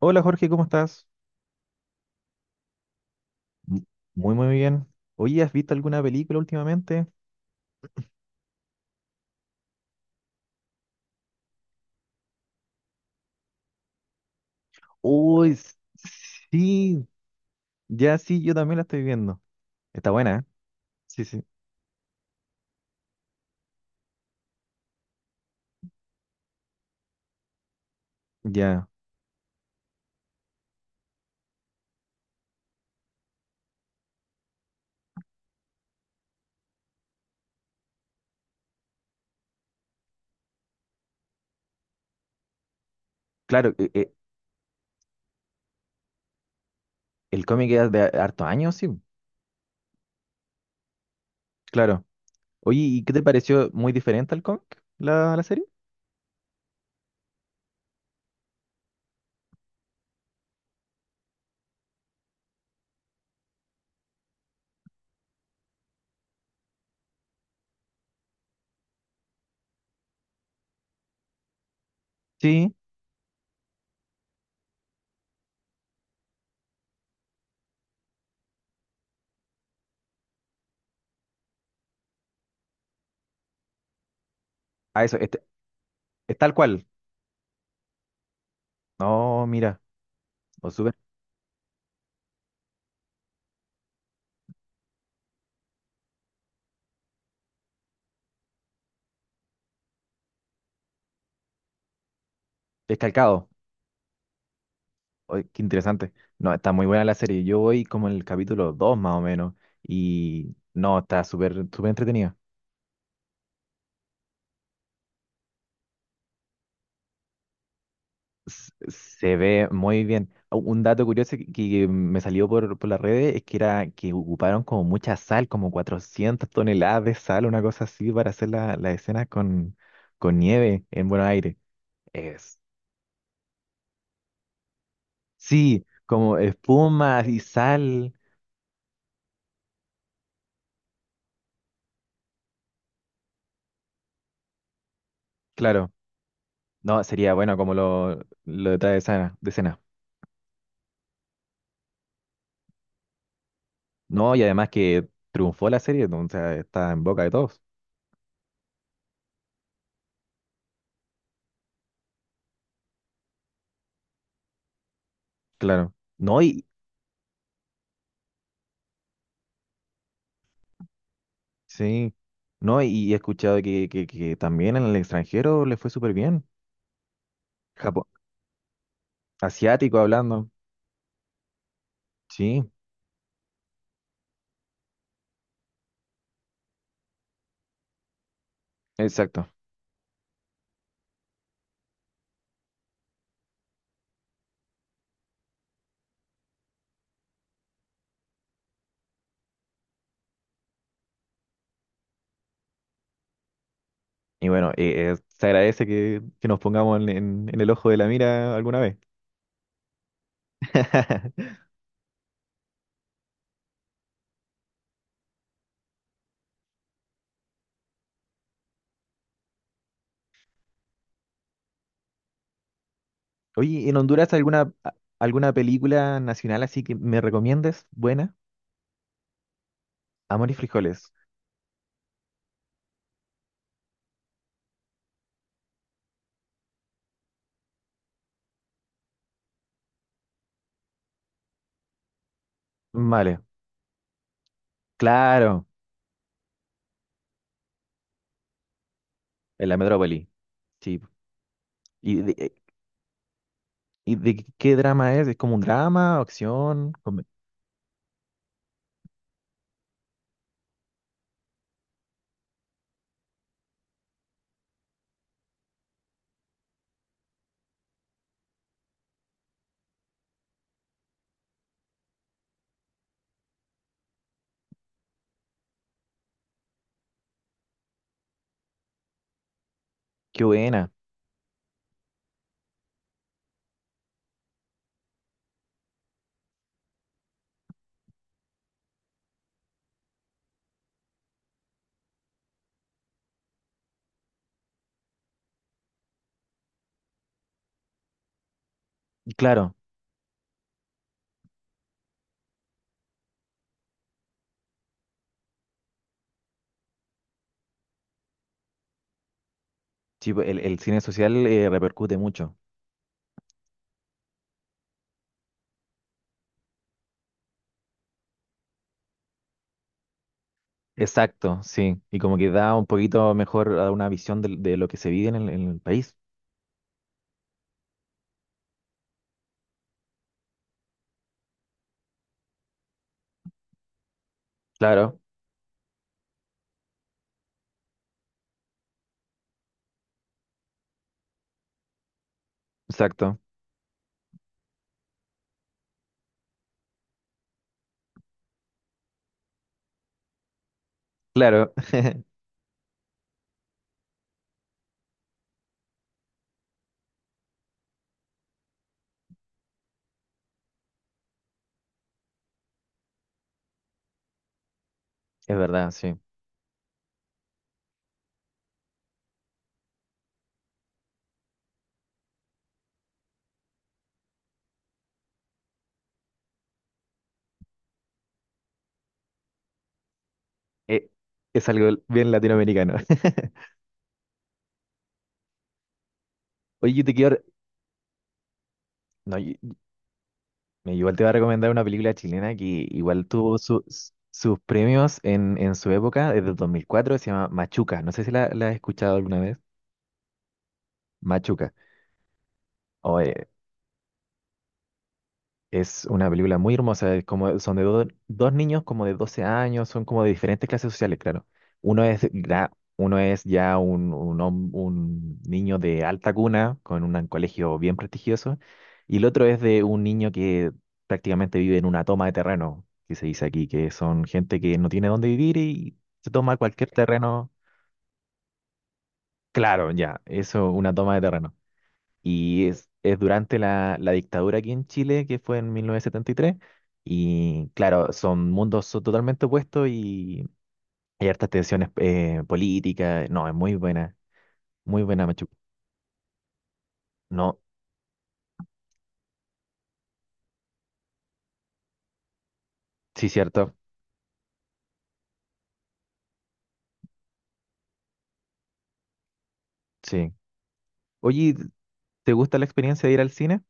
Hola Jorge, ¿cómo estás? M- Muy, muy bien. Oye, ¿has visto alguna película últimamente? Uy, s- sí, ya sí, yo también la estoy viendo. Está buena, ¿eh? Sí, sí. Ya. Claro, el cómic es de hartos años, sí. Claro. Oye, ¿y qué te pareció muy diferente al cómic, la serie? Sí. Ah, es tal cual. No, mira, o súper, es calcado. Oye, qué interesante. No, está muy buena la serie. Yo voy como en el capítulo 2 más o menos. Y no, está súper, súper entretenida. Se ve muy bien. Ah, un dato curioso que me salió por las redes es que era que ocuparon como mucha sal, como 400 toneladas de sal, una cosa así, para hacer las escenas con nieve en Buenos Aires. Es, sí, como espuma y sal. Claro, no, sería bueno como lo detrás de escena, de escena. No, y además que triunfó la serie, o sea, está en boca de todos. Claro. No, y, sí, no, y he escuchado que también en el extranjero le fue súper bien. Japón, asiático hablando. Sí, exacto. Y bueno, se agradece que nos pongamos en el ojo de la mira alguna vez. Oye, ¿en Honduras alguna, alguna película nacional así que me recomiendes? Buena. Amor y frijoles. Vale, claro, en la metrópoli. Sí. ¿Y y de qué drama es? ¿Es como un drama, acción? Qué buena. Claro. Sí, pues, el cine social repercute mucho. Exacto, sí. Y como que da un poquito mejor a una visión de lo que se vive en en el país. Claro, exacto. Claro, es verdad, sí. Eh, es algo bien latinoamericano. Oye, yo te quiero... No, igual te voy a recomendar una película chilena que igual tuvo sus premios en su época, desde el 2004. Se llama Machuca. No sé si la has escuchado alguna vez. Machuca. Es una película muy hermosa, es como, son de dos niños como de 12 años, son como de diferentes clases sociales, claro. Uno es, gra- uno es ya un niño de alta cuna, con un colegio bien prestigioso, y el otro es de un niño que prácticamente vive en una toma de terreno, que se dice aquí, que son gente que no tiene dónde vivir y se toma cualquier terreno. Claro, ya, eso, una toma de terreno. Y es durante la dictadura aquí en Chile, que fue en 1973. Y claro, son mundos totalmente opuestos y hay hartas tensiones políticas. No, es muy buena Machu. No, sí, cierto, sí. Oye, ¿te gusta la experiencia de ir al cine?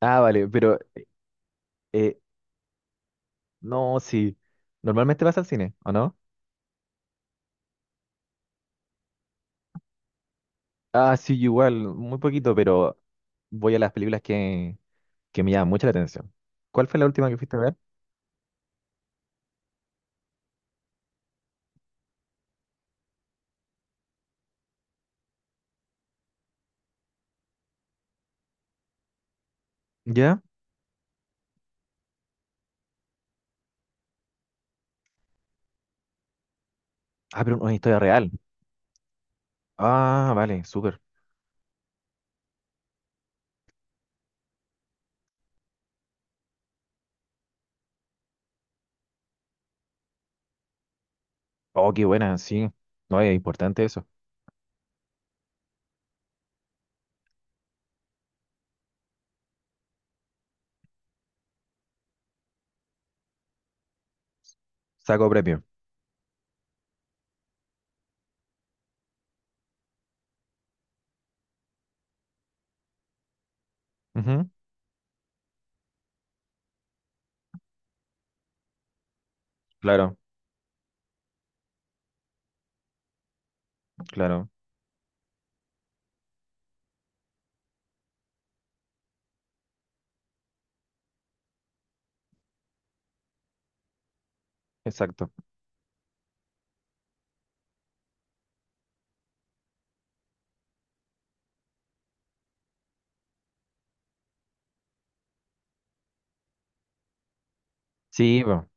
Ah, vale, pero eh, no, sí. Normalmente vas al cine, ¿o no? Ah, sí, yo igual, muy poquito, pero voy a las películas que me llaman mucho la atención. ¿Cuál fue la última que fuiste a ver? ¿Ya? Ah, pero una historia real. Ah, vale, súper. Oh, qué buena, sí. No, es importante eso. Saco premio. Ujú, claro, claro, exacto. Sí, bueno.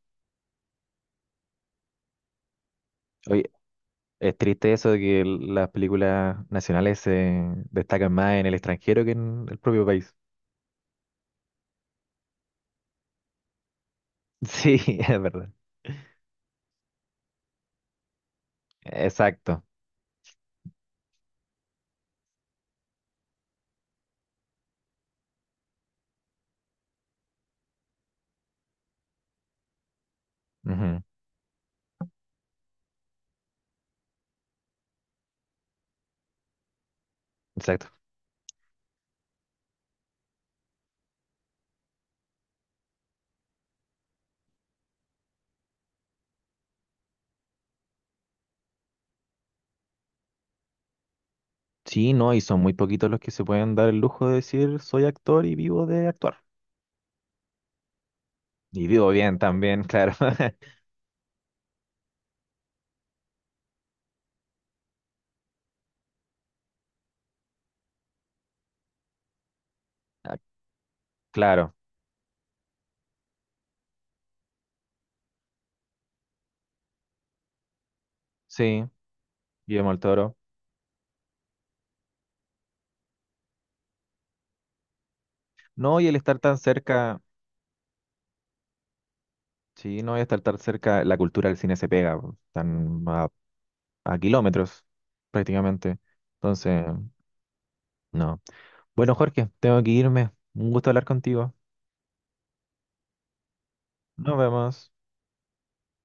Oye, es triste eso de que las películas nacionales se destacan más en el extranjero que en el propio país. Sí, es verdad. Exacto. Ujú, exacto. Sí, no, y son muy poquitos los que se pueden dar el lujo de decir soy actor y vivo de actuar. Y vivo bien también, claro. Ah, claro, sí, Guillermo el Toro. No, y el estar tan cerca. Sí, no voy a estar tan cerca, la cultura del cine se pega, po, están a kilómetros prácticamente. Entonces, no. Bueno, Jorge, tengo que irme. Un gusto hablar contigo. Nos vemos.